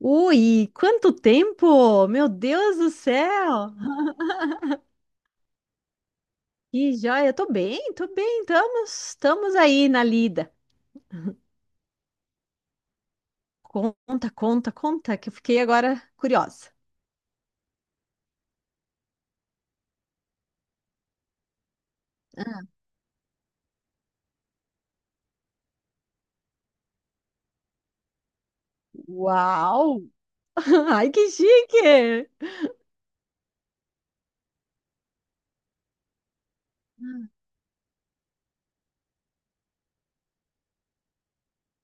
Ui, quanto tempo! Meu Deus do céu! Que joia! Tô bem, estamos aí na lida. Conta, conta, conta, que eu fiquei agora curiosa. Uau! Ai, que chique!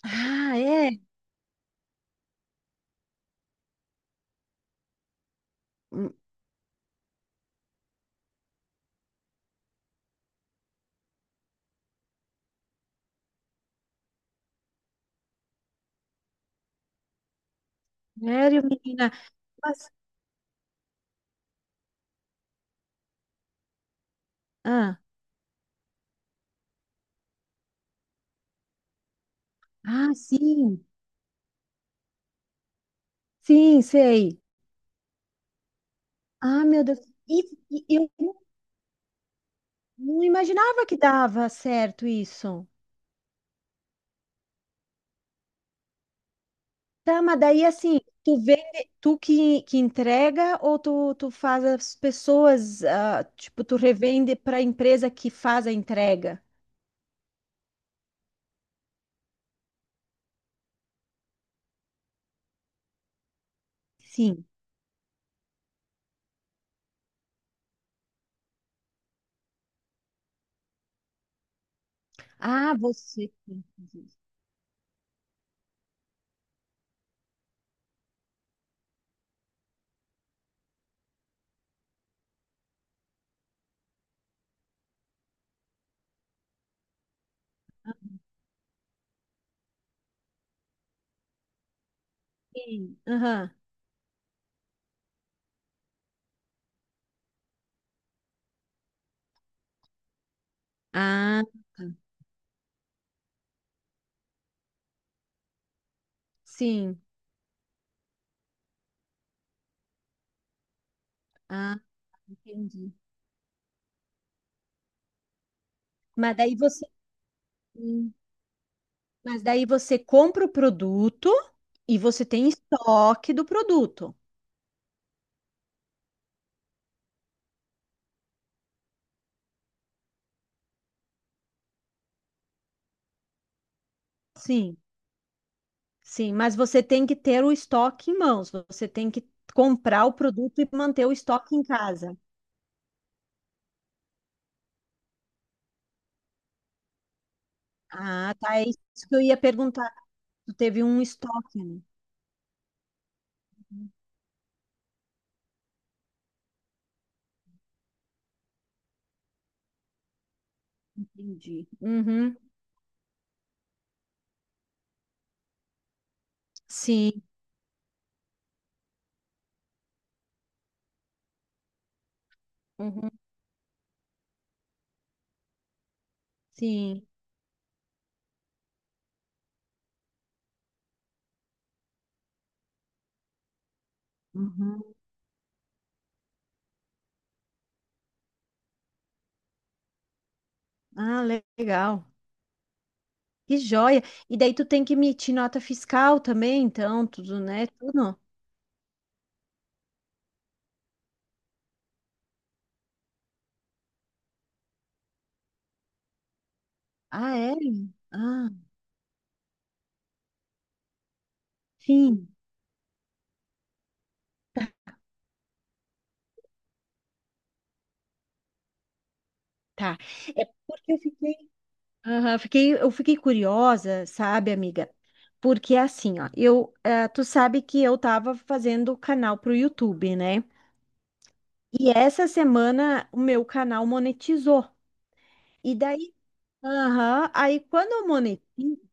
Ah, é? Sério, menina? Mas- ah, sim, sim, sei. Ah, meu Deus. E, e eu não imaginava que dava certo isso. Tá, mas daí assim, tu vende, tu que entrega ou tu faz as pessoas, tipo, tu revende para a empresa que faz a entrega? Sim. Ah, você que faz isso. Sim. Aham. Ah, tá. Sim. Ah, entendi. Mas daí você, Hum. Mas daí você compra o produto e você tem estoque do produto. Sim. Sim, mas você tem que ter o estoque em mãos, você tem que comprar o produto e manter o estoque em casa. Ah, tá, é isso que eu ia perguntar. Tu teve um estoque, né? Entendi. Uhum, sim, uhum, sim. Uhum. Ah, legal. Que joia. E daí tu tem que emitir nota fiscal também, então, tudo, né? Tudo. Ah, é? Ah, sim. Tá. É porque eu fiquei curiosa, sabe, amiga? Porque assim, ó, tu sabe que eu tava fazendo canal pro YouTube, né? E essa semana o meu canal monetizou. E daí, aham, aí quando eu monetizo,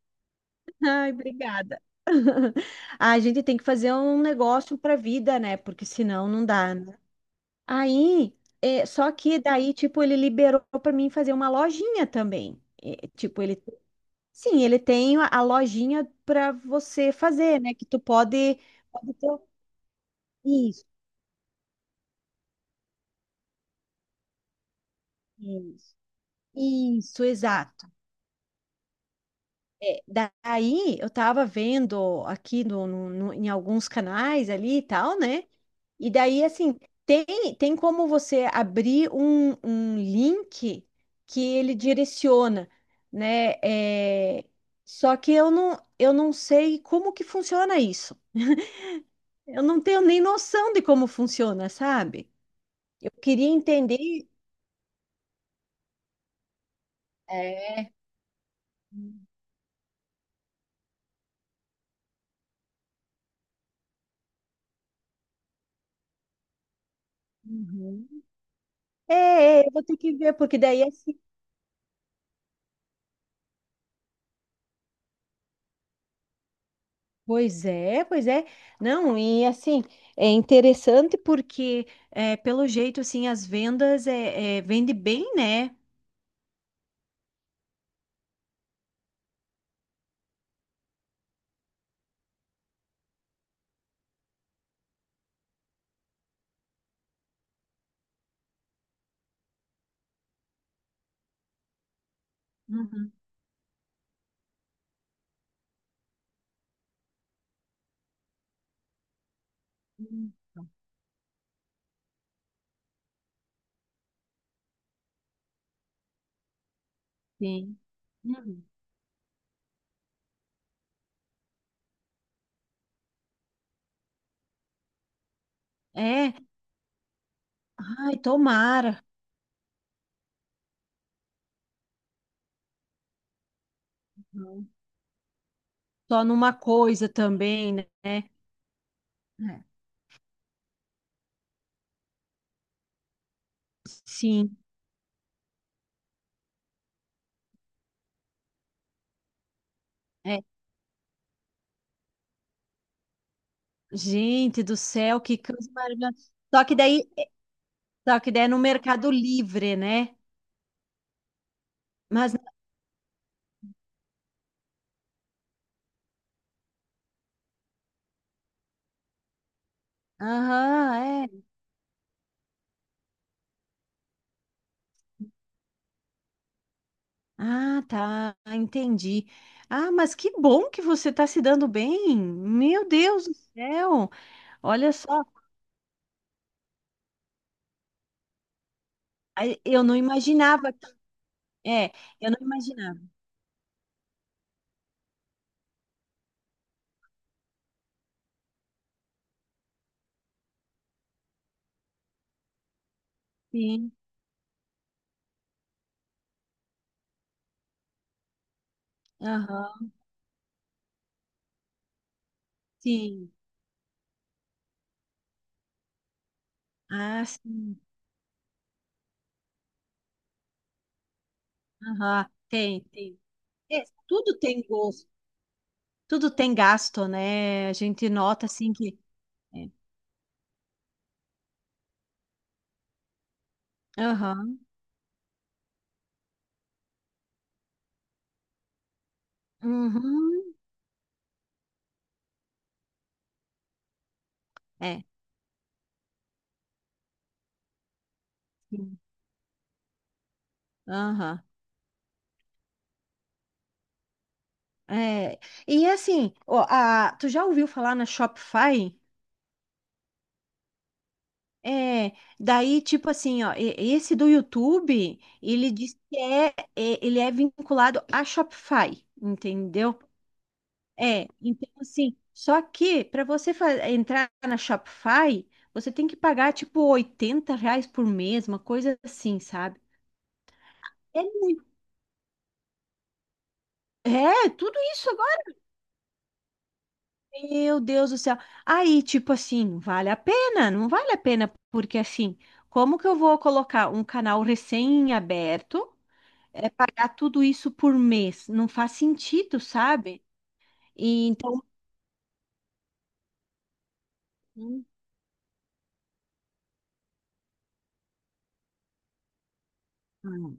ai, obrigada. A gente tem que fazer um negócio pra vida, né? Porque senão não dá, né? Aí, só que daí, tipo, ele liberou pra mim fazer uma lojinha também. Eh, tipo, ele Sim, ele tem a lojinha para você fazer, né? Que tu pode ter isso, isso, isso, exato. É, daí eu tava vendo aqui em alguns canais ali e tal, né? E daí assim tem tem como você abrir um link que ele direciona, né? É, só que eu não sei como que funciona isso. Eu não tenho nem noção de como funciona, sabe? Eu queria entender. É, uhum. É, é, eu vou ter que ver, porque daí assim. Pois é, pois é. Não, e assim, é interessante porque, é, pelo jeito, assim, as vendas vende bem, né? Uhum. Sim. Uhum. É. Ai, tomara. Uhum. Só numa coisa também, né? É. Sim. É. Gente do céu, que coisa maravilhosa. Só que daí é no Mercado Livre, né? Mas Aham, é. Ah, tá, entendi. Ah, mas que bom que você está se dando bem. Meu Deus do céu. Olha só, ai, eu não imaginava, é, eu não imaginava. Sim, aham, sim. Ah, sim. Aham, tem, tem. É, tudo tem gosto, tudo tem gasto, né? A gente nota assim que. É. Aham, uhum, é, sim, aham. É, e assim, ó, tu já ouviu falar na Shopify? É, daí, tipo assim, ó, esse do YouTube, ele diz que é, ele é vinculado a Shopify, entendeu? É, então assim, só que para você entrar na Shopify, você tem que pagar tipo R$ 80 por mês, uma coisa assim, sabe? É muito. É, tudo isso agora. Meu Deus do céu. Aí, tipo assim, vale a pena? Não vale a pena, porque assim, como que eu vou colocar um canal recém-aberto? É pagar tudo isso por mês. Não faz sentido, sabe? E então, Hum, hum.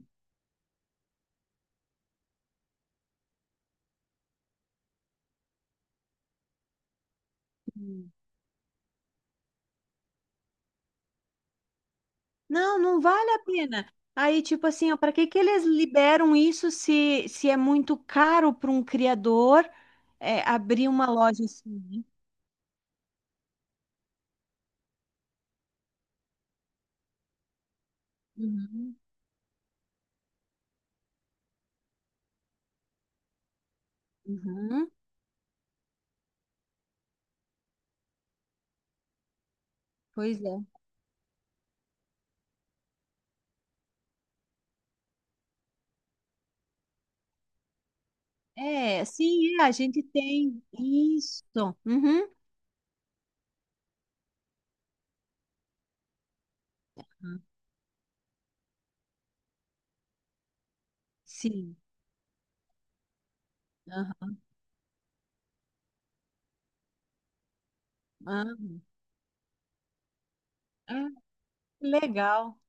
não, não vale a pena. Aí, tipo assim, ó, para que que eles liberam isso se é muito caro para um criador abrir uma loja assim, né? Uhum, uhum. Pois é. É, sim, é, a gente tem isso. Uhum, Uhum. Sim. Aham. Ah, Ah, que legal.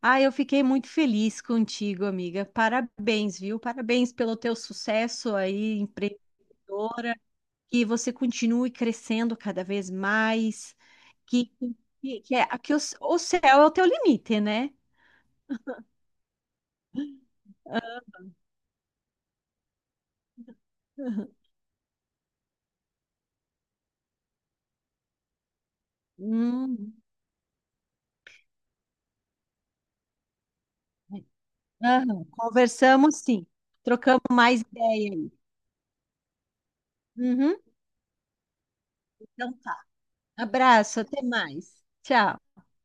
Ah, eu fiquei muito feliz contigo, amiga. Parabéns, viu? Parabéns pelo teu sucesso aí, empreendedora. Que você continue crescendo cada vez mais. Que, que o céu é o teu limite, né? Aham. Hum, aham, conversamos sim. Trocamos mais ideia aí. Uhum, então tá. Abraço, até mais. Tchau.